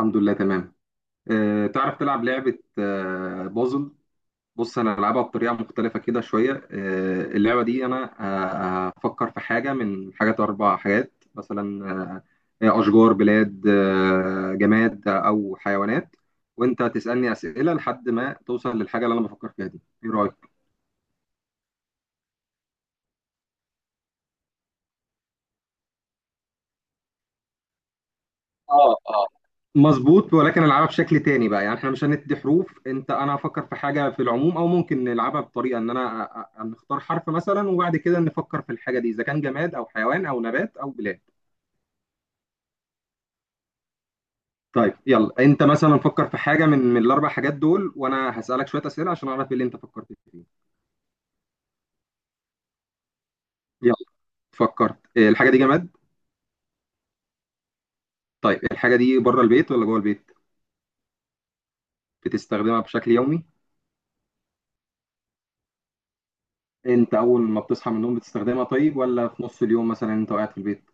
الحمد لله تمام. تعرف تلعب لعبة بازل؟ بص انا هلعبها بطريقة مختلفة كده شوية. اللعبة دي انا، هفكر في حاجة من حاجات اربع حاجات مثلا. هي اشجار، بلاد، جماد، او حيوانات. وانت تسألني اسئلة لحد ما توصل للحاجة اللي انا بفكر فيها دي. ايه رأيك؟ اه، اه. مظبوط، ولكن العبها بشكل تاني بقى. يعني احنا مش هندي حروف، انت انا هفكر في حاجه في العموم، او ممكن نلعبها بطريقه ان انا نختار حرف مثلا، وبعد كده نفكر في الحاجه دي اذا كان جماد او حيوان او نبات او بلاد. طيب يلا، انت مثلا فكر في حاجه من الاربع حاجات دول، وانا هسالك شويه اسئله عشان اعرف ايه اللي انت فكرت فيه. يلا. فكرت إيه، الحاجه دي جماد؟ طيب الحاجه دي بره البيت ولا جوه البيت؟ بتستخدمها بشكل يومي؟ انت اول ما بتصحى من النوم بتستخدمها، طيب، ولا في نص اليوم مثلا انت قاعد في البيت؟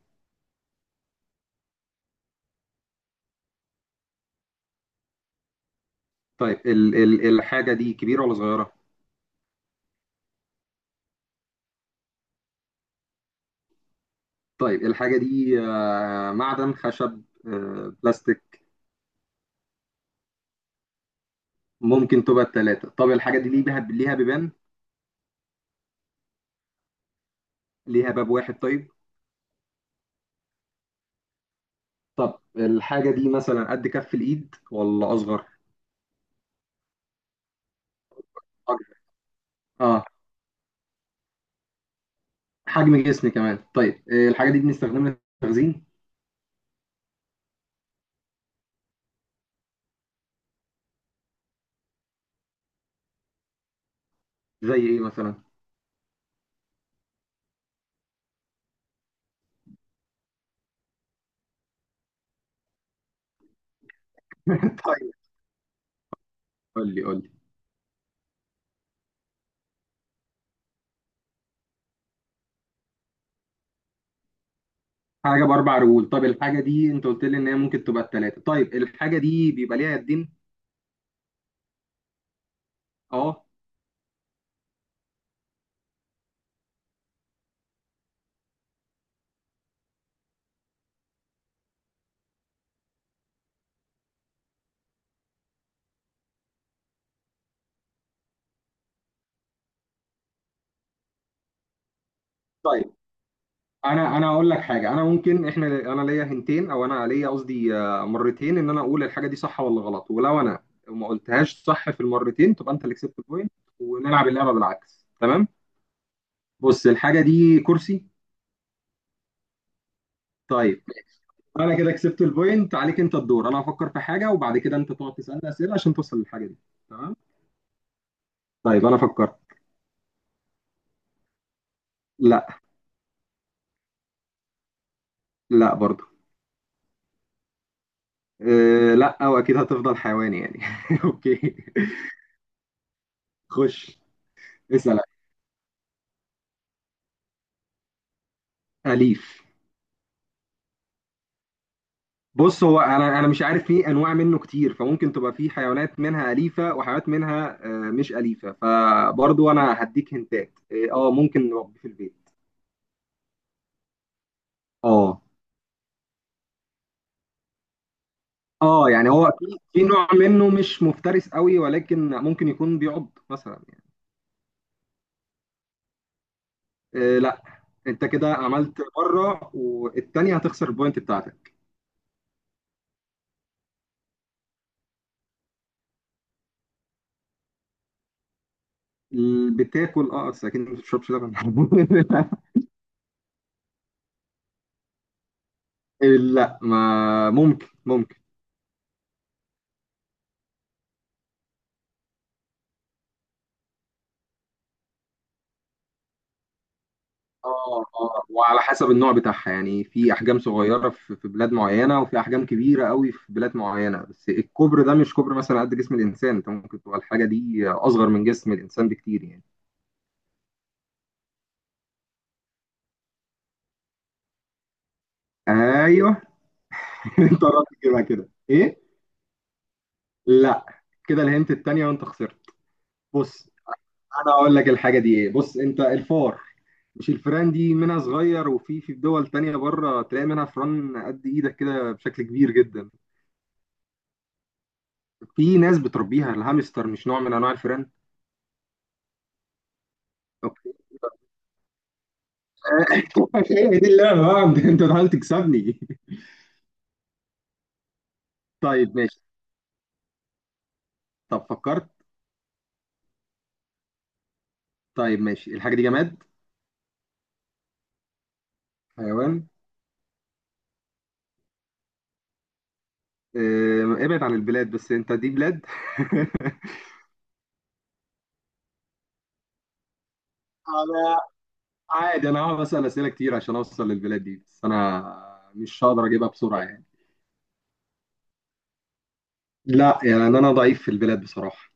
طيب ال الحاجة دي كبيرة ولا صغيرة؟ طيب الحاجة دي معدن، خشب، بلاستيك؟ ممكن تبقى التلاتة. طب الحاجة دي ليها بيبان؟ ليها باب واحد طيب؟ طب الحاجة دي مثلا قد كف الإيد ولا أصغر؟ أكبر. اه. حجم جسم كمان. طيب الحاجة دي بنستخدمها للتخزين؟ زي إيه مثلا؟ طيب. قول لي قول لي. حاجة بأربع رجول؟ طب الحاجة دي أنت قلت لي إن هي ممكن تبقى التلاتة، طيب الحاجة دي بيبقى ليها يدين؟ اه. طيب انا اقول لك حاجه. انا ممكن، احنا انا ليا هنتين، او انا ليا قصدي مرتين، ان انا اقول الحاجه دي صح ولا غلط. ولو انا ما قلتهاش صح في المرتين، تبقى انت اللي كسبت البوينت. ونلعب اللعبه بالعكس، تمام. بص الحاجه دي كرسي. طيب انا كده كسبت البوينت عليك. انت الدور. انا هفكر في حاجه، وبعد كده انت تقعد تسالني اسئله عشان توصل للحاجه دي. تمام. طيب انا فكرت. لا. لا برضو. أه، لا، واكيد هتفضل حيواني يعني. اوكي. خش. اسال. أليف. بص هو انا مش عارف. في انواع منه كتير، فممكن تبقى في حيوانات منها اليفه وحيوانات منها مش اليفه. فبرضو انا هديك هنتات إيه، اه ممكن نربيه في البيت. اه، اه. يعني هو في نوع منه مش مفترس قوي، ولكن ممكن يكون بيعض مثلا يعني. إيه، لا. انت كده عملت مره، والتانيه هتخسر البوينت بتاعتك. بتاكل اه، بس اكيد ما بتشربش لبن. لا، ما ممكن، ممكن. اه، اه. وعلى حسب النوع بتاعها يعني، في احجام صغيره في بلاد معينه، وفي احجام كبيره قوي في بلاد معينه، بس الكوبر ده مش كوبر مثلا قد جسم الانسان. انت ممكن تبقى الحاجه دي اصغر من جسم الانسان بكتير يعني. ايوه. انت قربت تجيبها كده، ايه؟ لا. كده الهنت التانيه، وانت خسرت. بص انا اقول لك الحاجه دي ايه. بص، انت الفار. مش الفيران دي منها صغير، وفي في دول تانية بره تلاقي منها فران قد ايدك كده بشكل كبير جدا. في ناس بتربيها. الهامستر مش نوع من انواع الفيران؟ هي دي اللعبة بقى، انت بتحاول تكسبني. طيب ماشي. طب فكرت. طيب ماشي. الحاجة دي جماد؟ حيوان؟ ابعد عن البلاد، بس انت دي بلاد. انا. عادي، انا هقعد اسال اسئله كتير عشان اوصل للبلاد دي، بس انا مش هقدر اجيبها بسرعه يعني. لا، يعني انا ضعيف في البلاد بصراحه.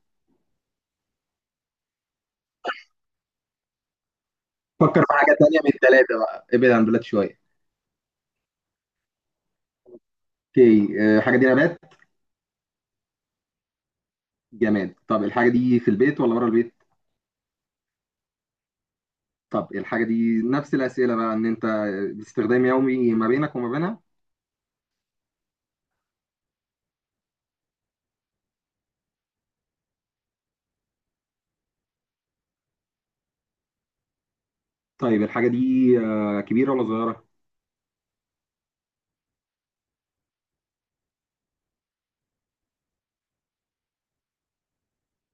فكر في حاجه تانية من الثلاثه بقى، ابعد عن البلاد شويه. اوكي. الحاجه دي نبات؟ جماد. طب الحاجه دي في البيت ولا بره البيت؟ طب الحاجه دي نفس الاسئله بقى، ان انت باستخدام يومي ما بينك وما بينها؟ طيب الحاجة دي كبيرة ولا صغيرة؟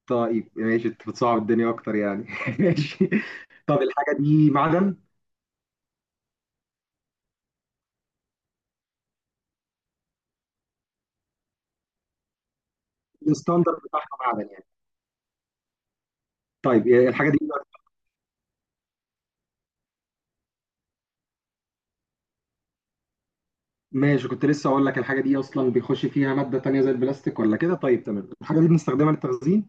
طيب ماشي، انت بتصعب الدنيا اكتر يعني. ماشي. طب الحاجة دي معدن؟ الستاندرد بتاعها معدن يعني؟ طيب الحاجة دي. ماشي، كنت لسه اقول لك الحاجة دي اصلا بيخش فيها مادة تانية زي البلاستيك ولا كده. طيب تمام. الحاجة دي بنستخدمها للتخزين؟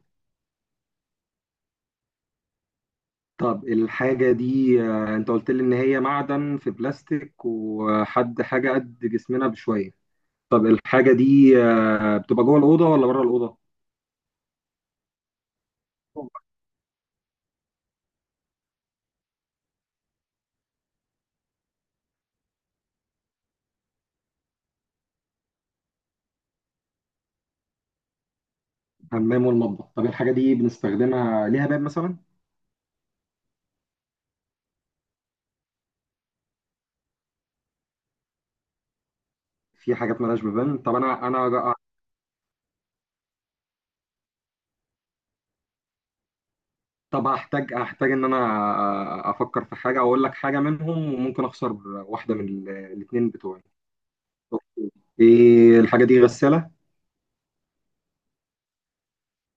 طب الحاجة دي انت قلت لي ان هي معدن في بلاستيك، وحد حاجة قد جسمنا بشوية. طب الحاجة دي بتبقى جوه الأوضة ولا بره الأوضة؟ الحمام والمطبخ. طب الحاجة دي بنستخدمها، ليها باب مثلا؟ في حاجات مالهاش ببان. طب انا طب هحتاج، هحتاج ان انا افكر في حاجه واقول لك حاجه منهم، وممكن اخسر واحده من الاتنين بتوعي. ايه الحاجه دي؟ غساله؟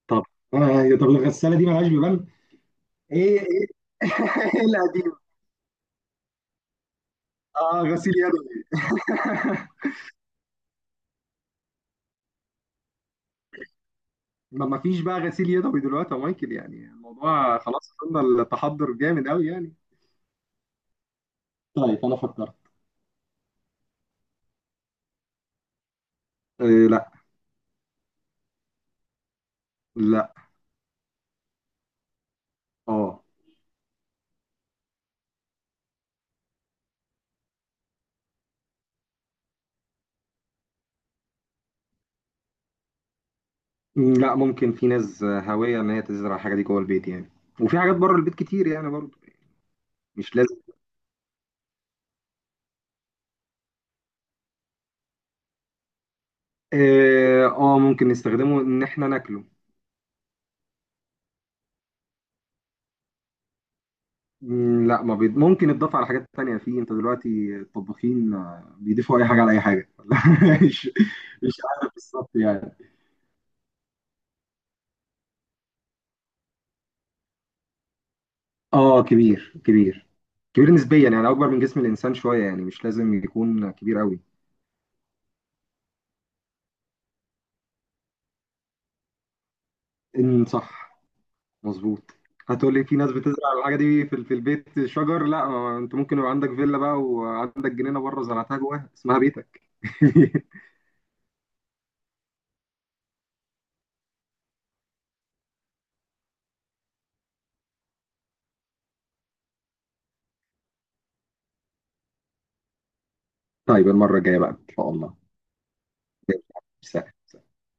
طب. إيه، طب الغساله دي مالهاش ببان؟ ايه، ايه. ايه القديم. اه، غسيل يدوي. ما فيش بقى غسيل يدوي دلوقتي يا مايكل. يعني الموضوع خلاص، وصلنا التحضر جامد قوي يعني. طيب انا فكرت. إيه لا. لا. اه. لا، ممكن في ناس هاوية إن هي تزرع الحاجة دي جوه البيت يعني. وفي حاجات بره البيت كتير يعني برضه. مش لازم. ممكن نستخدمه إن إحنا ناكله. لا، ما ممكن يتضاف على حاجات تانية. في أنت دلوقتي الطباخين بيضيفوا أي حاجة على أي حاجة. مش مش عارف بالظبط يعني. كبير، كبير. كبير نسبيا يعني، أكبر من جسم الإنسان شوية يعني، مش لازم يكون كبير قوي. إن صح. مظبوط. هتقول لي في ناس بتزرع الحاجه دي في البيت شجر. لا، ما انت ممكن يبقى عندك فيلا بقى، وعندك جنينه بره زرعتها جواها اسمها بيتك. طيب المره الجايه بقى ان شاء الله.